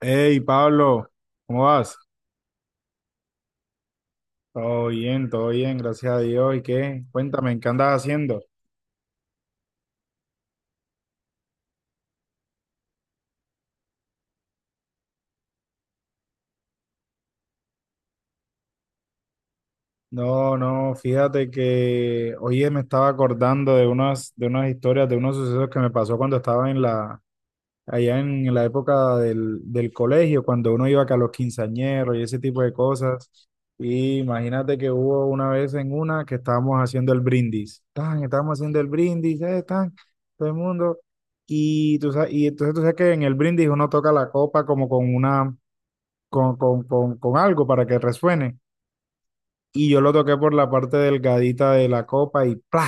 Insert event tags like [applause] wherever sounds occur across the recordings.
Hey, Pablo, ¿cómo vas? Todo bien, gracias a Dios. ¿Y qué? Cuéntame, ¿qué andas haciendo? No, no, fíjate que hoy me estaba acordando de unas historias, de unos sucesos que me pasó cuando estaba allá en la época del colegio, cuando uno iba acá a los quinceañeros y ese tipo de cosas. Y imagínate que hubo una vez en una que estábamos haciendo el brindis. Tan, estábamos haciendo el brindis, tan, todo el mundo. Y, tú sabes, y entonces tú sabes que en el brindis uno toca la copa como con una, con algo para que resuene. Y yo lo toqué por la parte delgadita de la copa y ¡plá!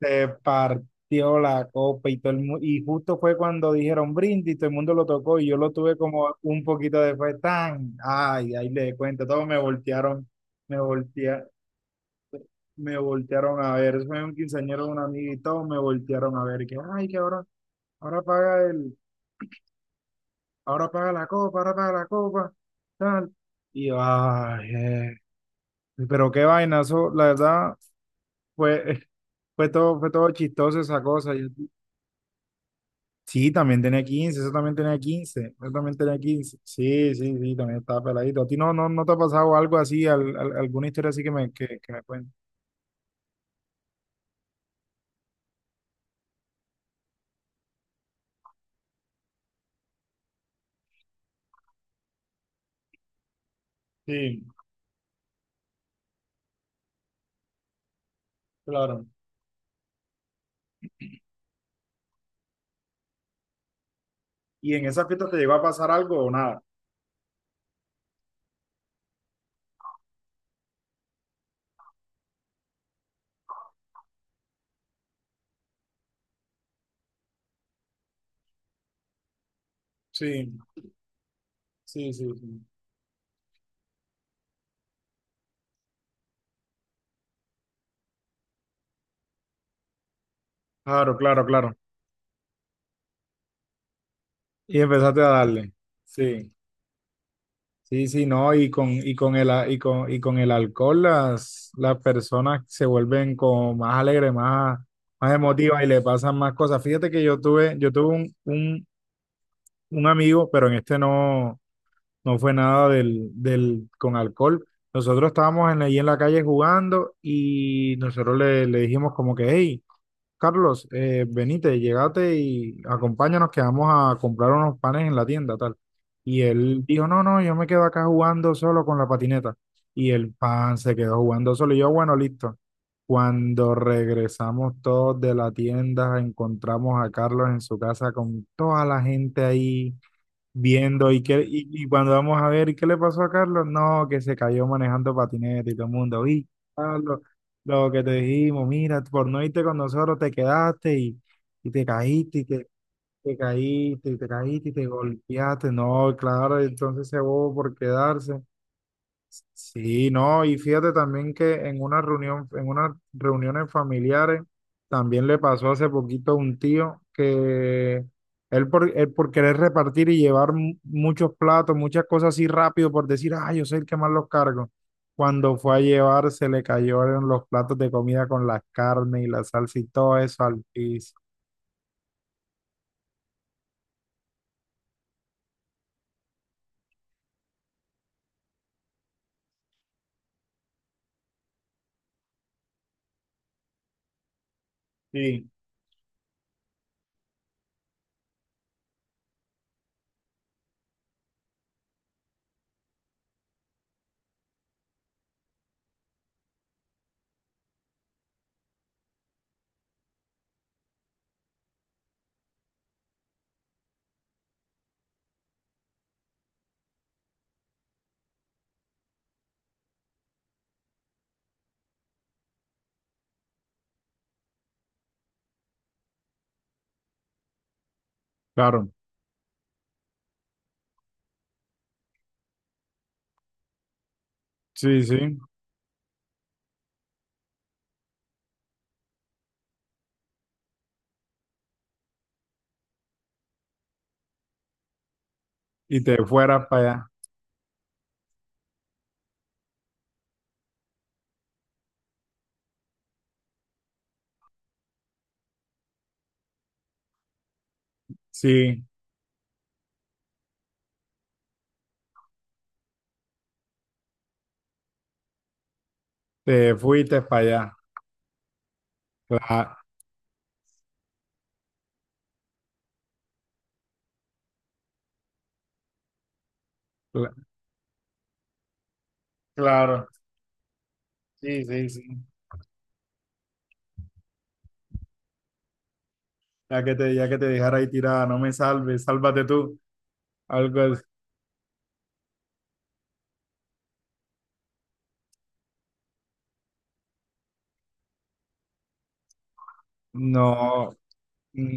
Se partió la copa y y justo fue cuando dijeron brindis, todo el mundo lo tocó y yo lo tuve como un poquito después, tan, ay, ahí le cuento, todos me voltearon, me voltea, me voltearon a ver, fue un quinceañero de un amigo y todos me voltearon a ver, que ay, que ahora paga el, ahora paga la copa, ahora paga la copa, tal, y yo, ay, pero qué vainazo, la verdad, fue, [laughs] fue todo chistoso esa cosa, yo Sí, también tenía 15 Sí, sí, sí, también estaba peladito. ¿A ti no te ha pasado algo así, alguna historia así que que me cuentes? Sí, claro. ¿Y en esas fiestas te llegó a pasar algo o nada? Sí, sí, sí, sí. Claro, claro, claro. Y empezaste a darle. Sí, sí, sí, no, y con el alcohol las personas se vuelven como más alegres, más emotivas y le pasan más cosas. Fíjate que yo tuve un amigo, pero en este no fue nada con alcohol. Nosotros estábamos ahí en la calle jugando y nosotros le dijimos como que, hey, Carlos, venite, llegate y acompáñanos que vamos a comprar unos panes en la tienda, tal. Y él dijo, no, no, yo me quedo acá jugando solo con la patineta. Y el pan se quedó jugando solo. Y yo, bueno, listo. Cuando regresamos todos de la tienda, encontramos a Carlos en su casa con toda la gente ahí viendo y cuando vamos a ver, ¿y qué le pasó a Carlos? No, que se cayó manejando patineta y todo el mundo, y Carlos, lo que te dijimos, mira, por no irte con nosotros te quedaste y te caíste y que te caíste y te caíste y te golpeaste, no, claro, entonces se bobo por quedarse. Sí, no, y fíjate también que en una reunión, en unas reuniones familiares, también le pasó hace poquito a un tío que él por querer repartir y llevar muchos platos, muchas cosas así rápido, por decir, ah, yo soy el que más los cargo. Cuando fue a llevar, se le cayeron los platos de comida con las carnes y la salsa y todo eso al piso. Sí. Claro, sí, sí. Y te fueras para allá. Sí, te fuiste para allá. Cla- cla- Claro. Sí, sí, sí. Ya que te dejara ahí tirada, no me salves, sálvate tú. Algo así. No. Mm.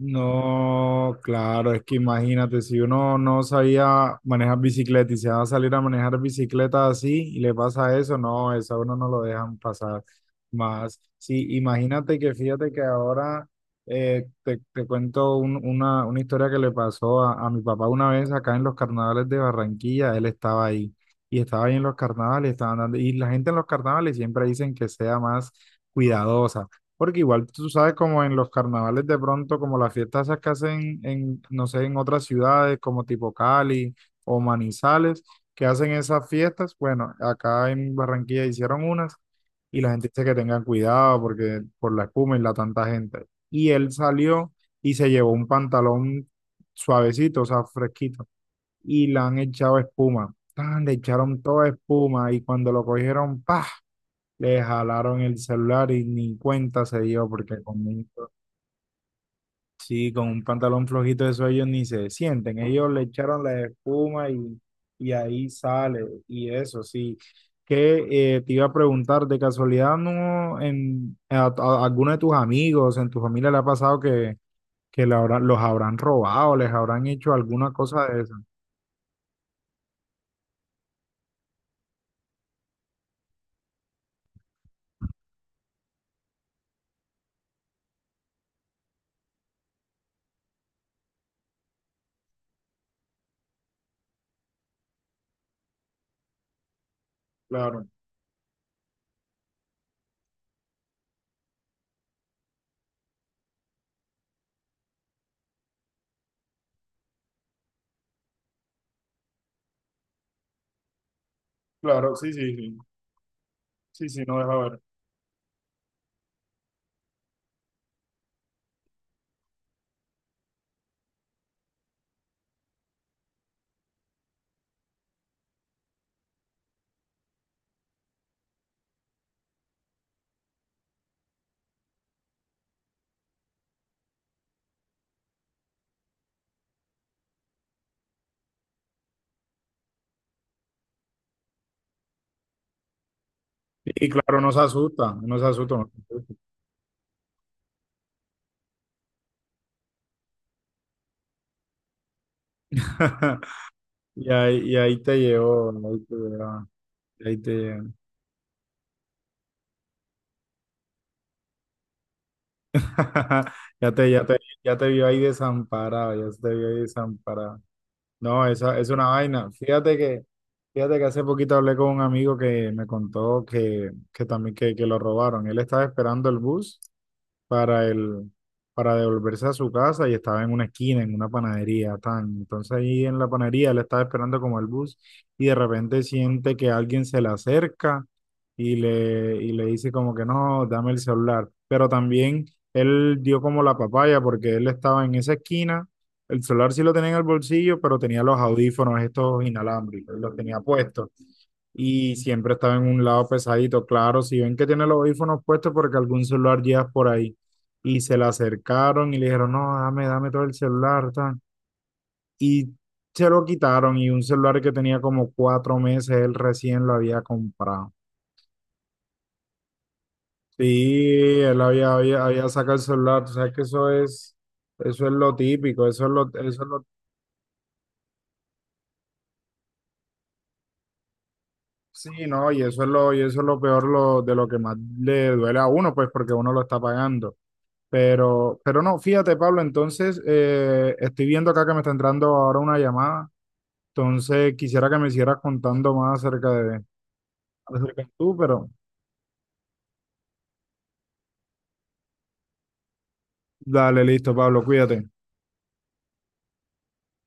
No, claro, es que imagínate, si uno no sabía manejar bicicleta y se va a salir a manejar bicicleta así y le pasa eso, no, eso a uno no lo dejan pasar más. Sí, imagínate que fíjate que ahora te cuento una historia que le pasó a mi papá una vez acá en los carnavales de Barranquilla, él estaba ahí y estaba ahí en los carnavales, estaban dando, y la gente en los carnavales siempre dicen que sea más cuidadosa. Porque igual tú sabes como en los carnavales de pronto, como las fiestas esas que hacen en, no sé, en otras ciudades como tipo Cali o Manizales, que hacen esas fiestas. Bueno, acá en Barranquilla hicieron unas y la gente dice que tengan cuidado porque por la espuma y la tanta gente. Y él salió y se llevó un pantalón suavecito, o sea, fresquito, y le han echado espuma. Tan, le echaron toda espuma y cuando lo cogieron, ¡pah! Le jalaron el celular y ni cuenta se dio porque sí, con un pantalón flojito eso ellos ni se sienten. Ellos le echaron la espuma y ahí sale y eso sí. Que te iba a preguntar, de casualidad, ¿no en alguno de tus amigos, en tu familia le ha pasado que le los habrán robado, les habrán hecho alguna cosa de eso? Claro, claro, sí, sí, sí, sí, sí, no deja ver. Y claro, no se asusta, no se asusta. No se asusta. [laughs] Y ahí te llevó, ahí te llevó, ahí te llevó. [laughs] Ya te, ya te, ya te vio ahí desamparado, ya te vio ahí desamparado. No, esa es una vaina. Fíjate que hace poquito hablé con un amigo que me contó que lo robaron. Él estaba esperando el bus para el, para devolverse a su casa y estaba en una esquina, en una panadería, tan. Entonces ahí en la panadería él estaba esperando como el bus y de repente siente que alguien se le acerca y le dice como que no, dame el celular. Pero también él dio como la papaya porque él estaba en esa esquina, el celular sí lo tenía en el bolsillo, pero tenía los audífonos estos inalámbricos, los tenía puestos y siempre estaba en un lado pesadito. Claro, si ven que tiene los audífonos puestos porque algún celular llevas por ahí y se le acercaron y le dijeron, no, dame, dame todo el celular, tan. Y se lo quitaron y un celular que tenía como cuatro meses, él recién lo había comprado. Sí, él había sacado el celular, tú sabes que eso es lo típico, sí, no, y eso es lo peor lo, de lo que más le duele a uno, pues porque uno lo está pagando. Pero no, fíjate, Pablo, entonces estoy viendo acá que me está entrando ahora una llamada. Entonces, quisiera que me siguieras contando más acerca de tú, pero dale, listo, Pablo, cuídate.